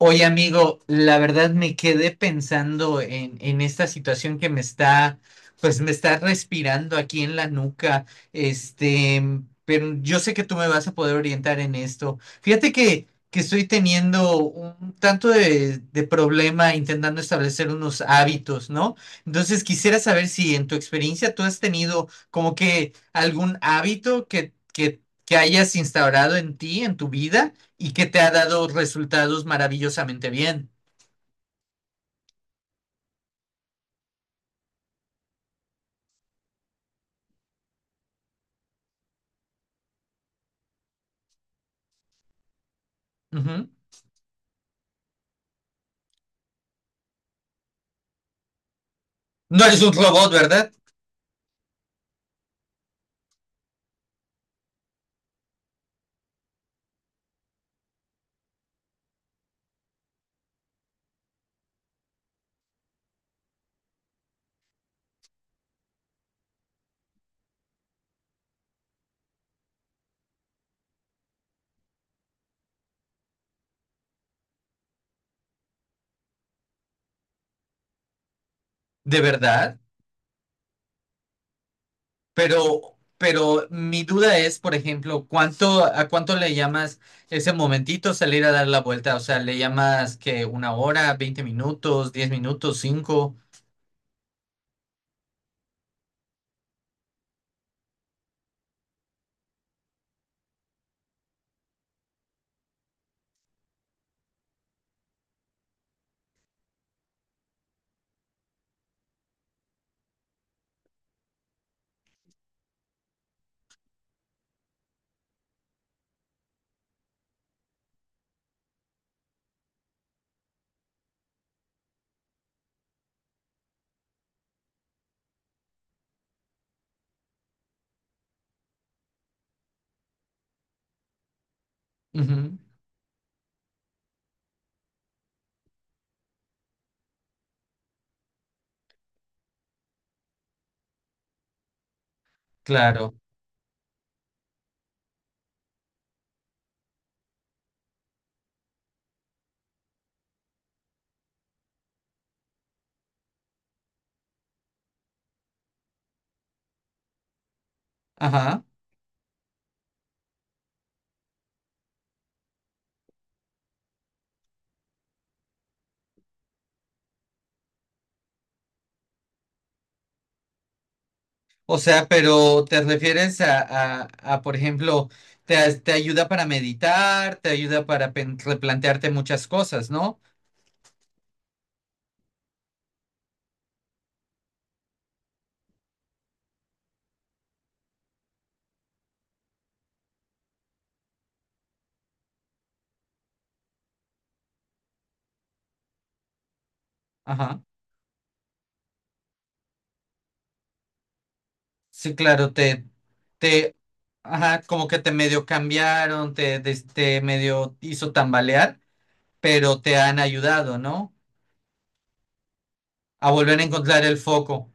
Oye, amigo, la verdad me quedé pensando en esta situación que me está respirando aquí en la nuca. Este, pero yo sé que tú me vas a poder orientar en esto. Fíjate que estoy teniendo un tanto de problema intentando establecer unos hábitos, ¿no? Entonces quisiera saber si en tu experiencia tú has tenido como que algún hábito que hayas instaurado en ti, en tu vida y que te ha dado resultados maravillosamente bien. Ujú. No eres un robot, ¿verdad? De verdad, pero mi duda es, por ejemplo, ¿a cuánto le llamas ese momentito salir a dar la vuelta? O sea, ¿le llamas que una hora, 20 minutos, 10 minutos, cinco? Ujú, claro. Ajá. O sea, pero ¿te refieres por ejemplo, te ayuda para meditar, te ayuda para replantearte muchas cosas, ¿no? Ajá. Sí, claro, te, ajá, como que te medio cambiaron, te medio hizo tambalear, pero te han ayudado, ¿no? A volver a encontrar el foco.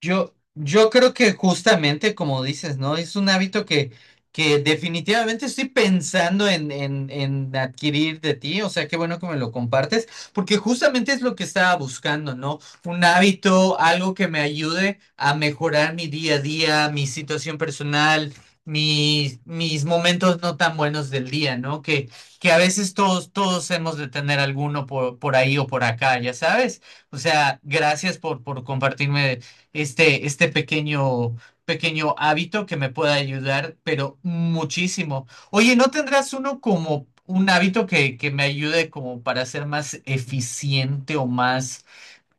Yo creo que justamente como dices, ¿no? Es un hábito que definitivamente estoy pensando en adquirir de ti, o sea, qué bueno que me lo compartes, porque justamente es lo que estaba buscando, ¿no? Un hábito, algo que me ayude a mejorar mi día a día, mi situación personal, mis momentos no tan buenos del día, ¿no? Que a veces todos hemos de tener alguno por ahí o por acá, ya sabes. O sea, gracias por compartirme este pequeño hábito que me pueda ayudar, pero muchísimo. Oye, ¿no tendrás uno como un hábito que me ayude como para ser más eficiente o más,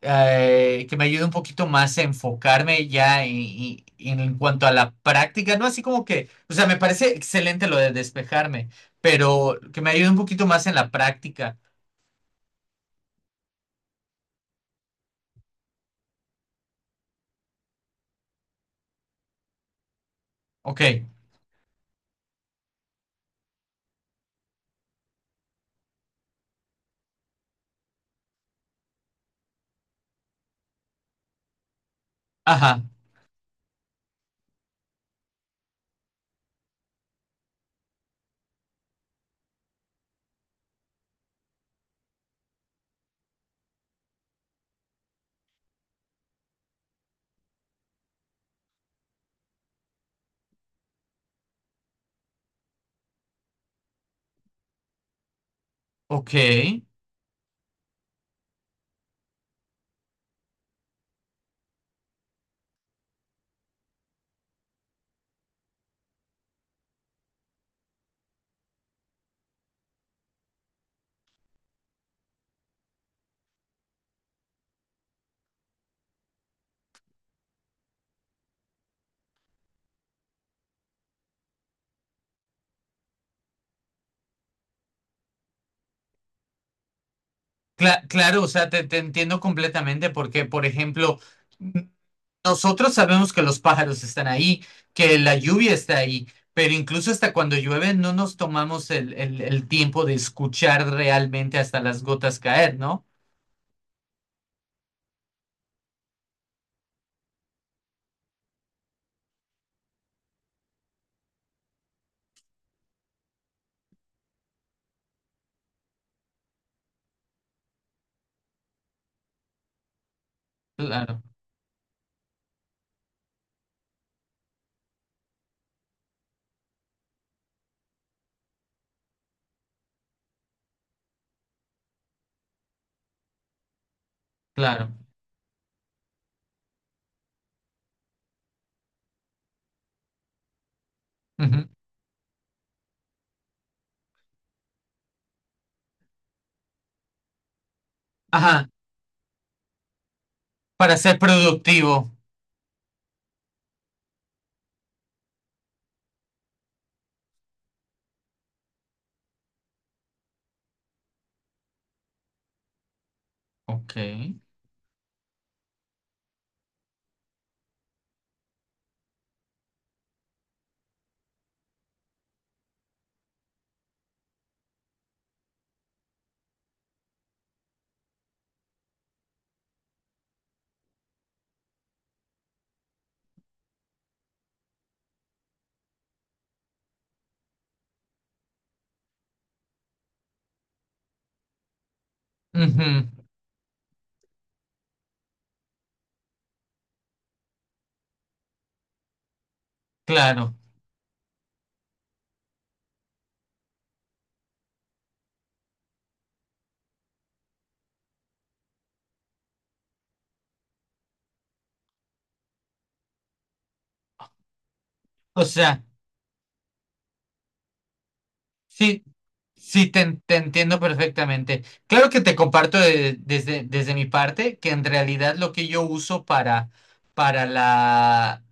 que me ayude un poquito más a enfocarme ya en cuanto a la práctica? No así como que, o sea, me parece excelente lo de despejarme, pero que me ayude un poquito más en la práctica. Ok, ajá, ok. Claro, o sea, te entiendo completamente porque, por ejemplo, n- nosotros sabemos que los pájaros están ahí, que la lluvia está ahí, pero incluso hasta cuando llueve no nos tomamos el tiempo de escuchar realmente hasta las gotas caer, ¿no? Claro, claro. Ujú. Ajá, para ser productivo. Ok. Ujú, claro. O sea. Sí, sí, te entiendo perfectamente. Claro que te comparto desde desde mi parte que en realidad lo que yo uso para la,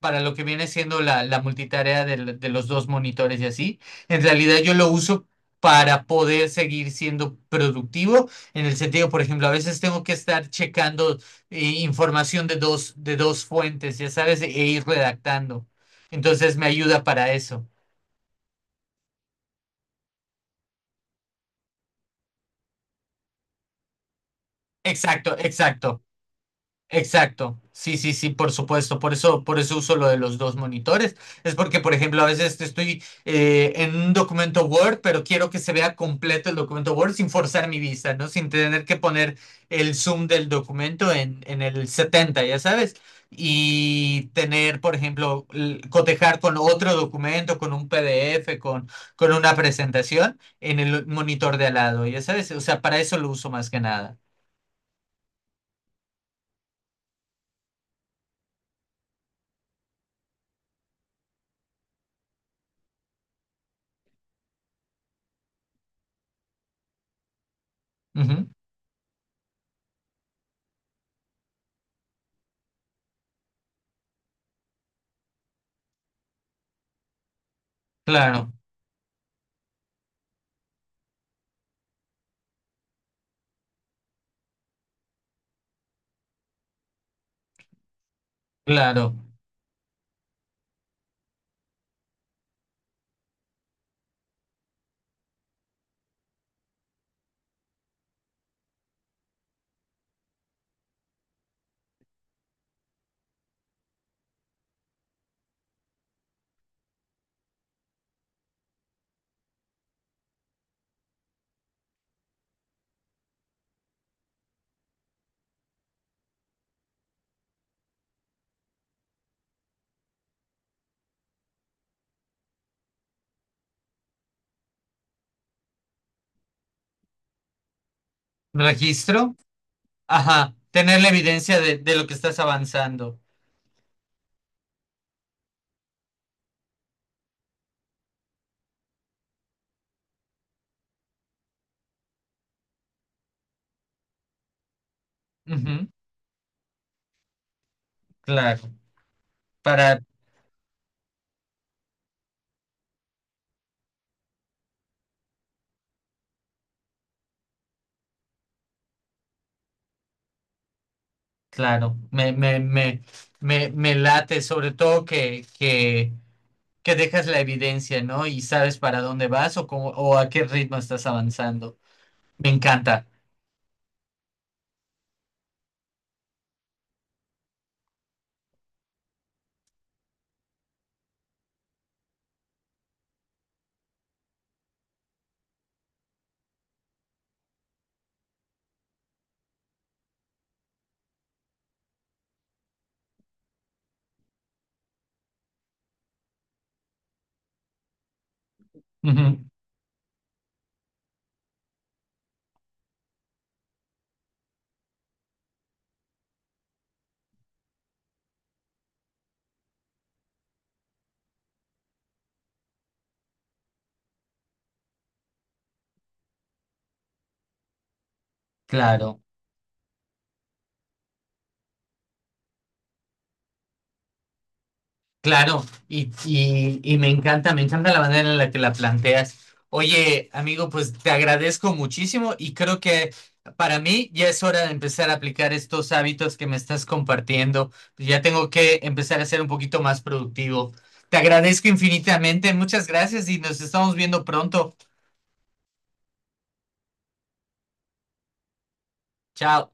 para lo que viene siendo la multitarea los dos monitores y así, en realidad yo lo uso para poder seguir siendo productivo, en el sentido, por ejemplo, a veces tengo que estar checando información de dos fuentes, ya sabes, e ir redactando. Entonces me ayuda para eso. Exacto, exacto. Exacto, sí, sí, sí, por supuesto, por eso, uso lo de los dos monitores, es porque, por ejemplo, a veces estoy en un documento Word, pero quiero que se vea completo el documento Word sin forzar mi vista, ¿no? Sin tener que poner el zoom del documento en el 70, ya sabes, y tener, por ejemplo, cotejar con otro documento, con un PDF, con una presentación en el monitor de al lado, ya sabes, o sea, para eso lo uso más que nada. Ujú, claro, claro. Registro. Ajá. Tener la evidencia de lo que estás avanzando. Ujú, claro. Para, claro. Me late, sobre todo que dejas la evidencia, ¿no? Y sabes para dónde vas o, cómo, o a qué ritmo estás avanzando. Me encanta. Ujú, claro. Claro, y me encanta la manera en la que la planteas. Oye, amigo, pues te agradezco muchísimo y creo que para mí ya es hora de empezar a aplicar estos hábitos que me estás compartiendo. Pues ya tengo que empezar a ser un poquito más productivo. Te agradezco infinitamente, muchas gracias y nos estamos viendo pronto. Chao.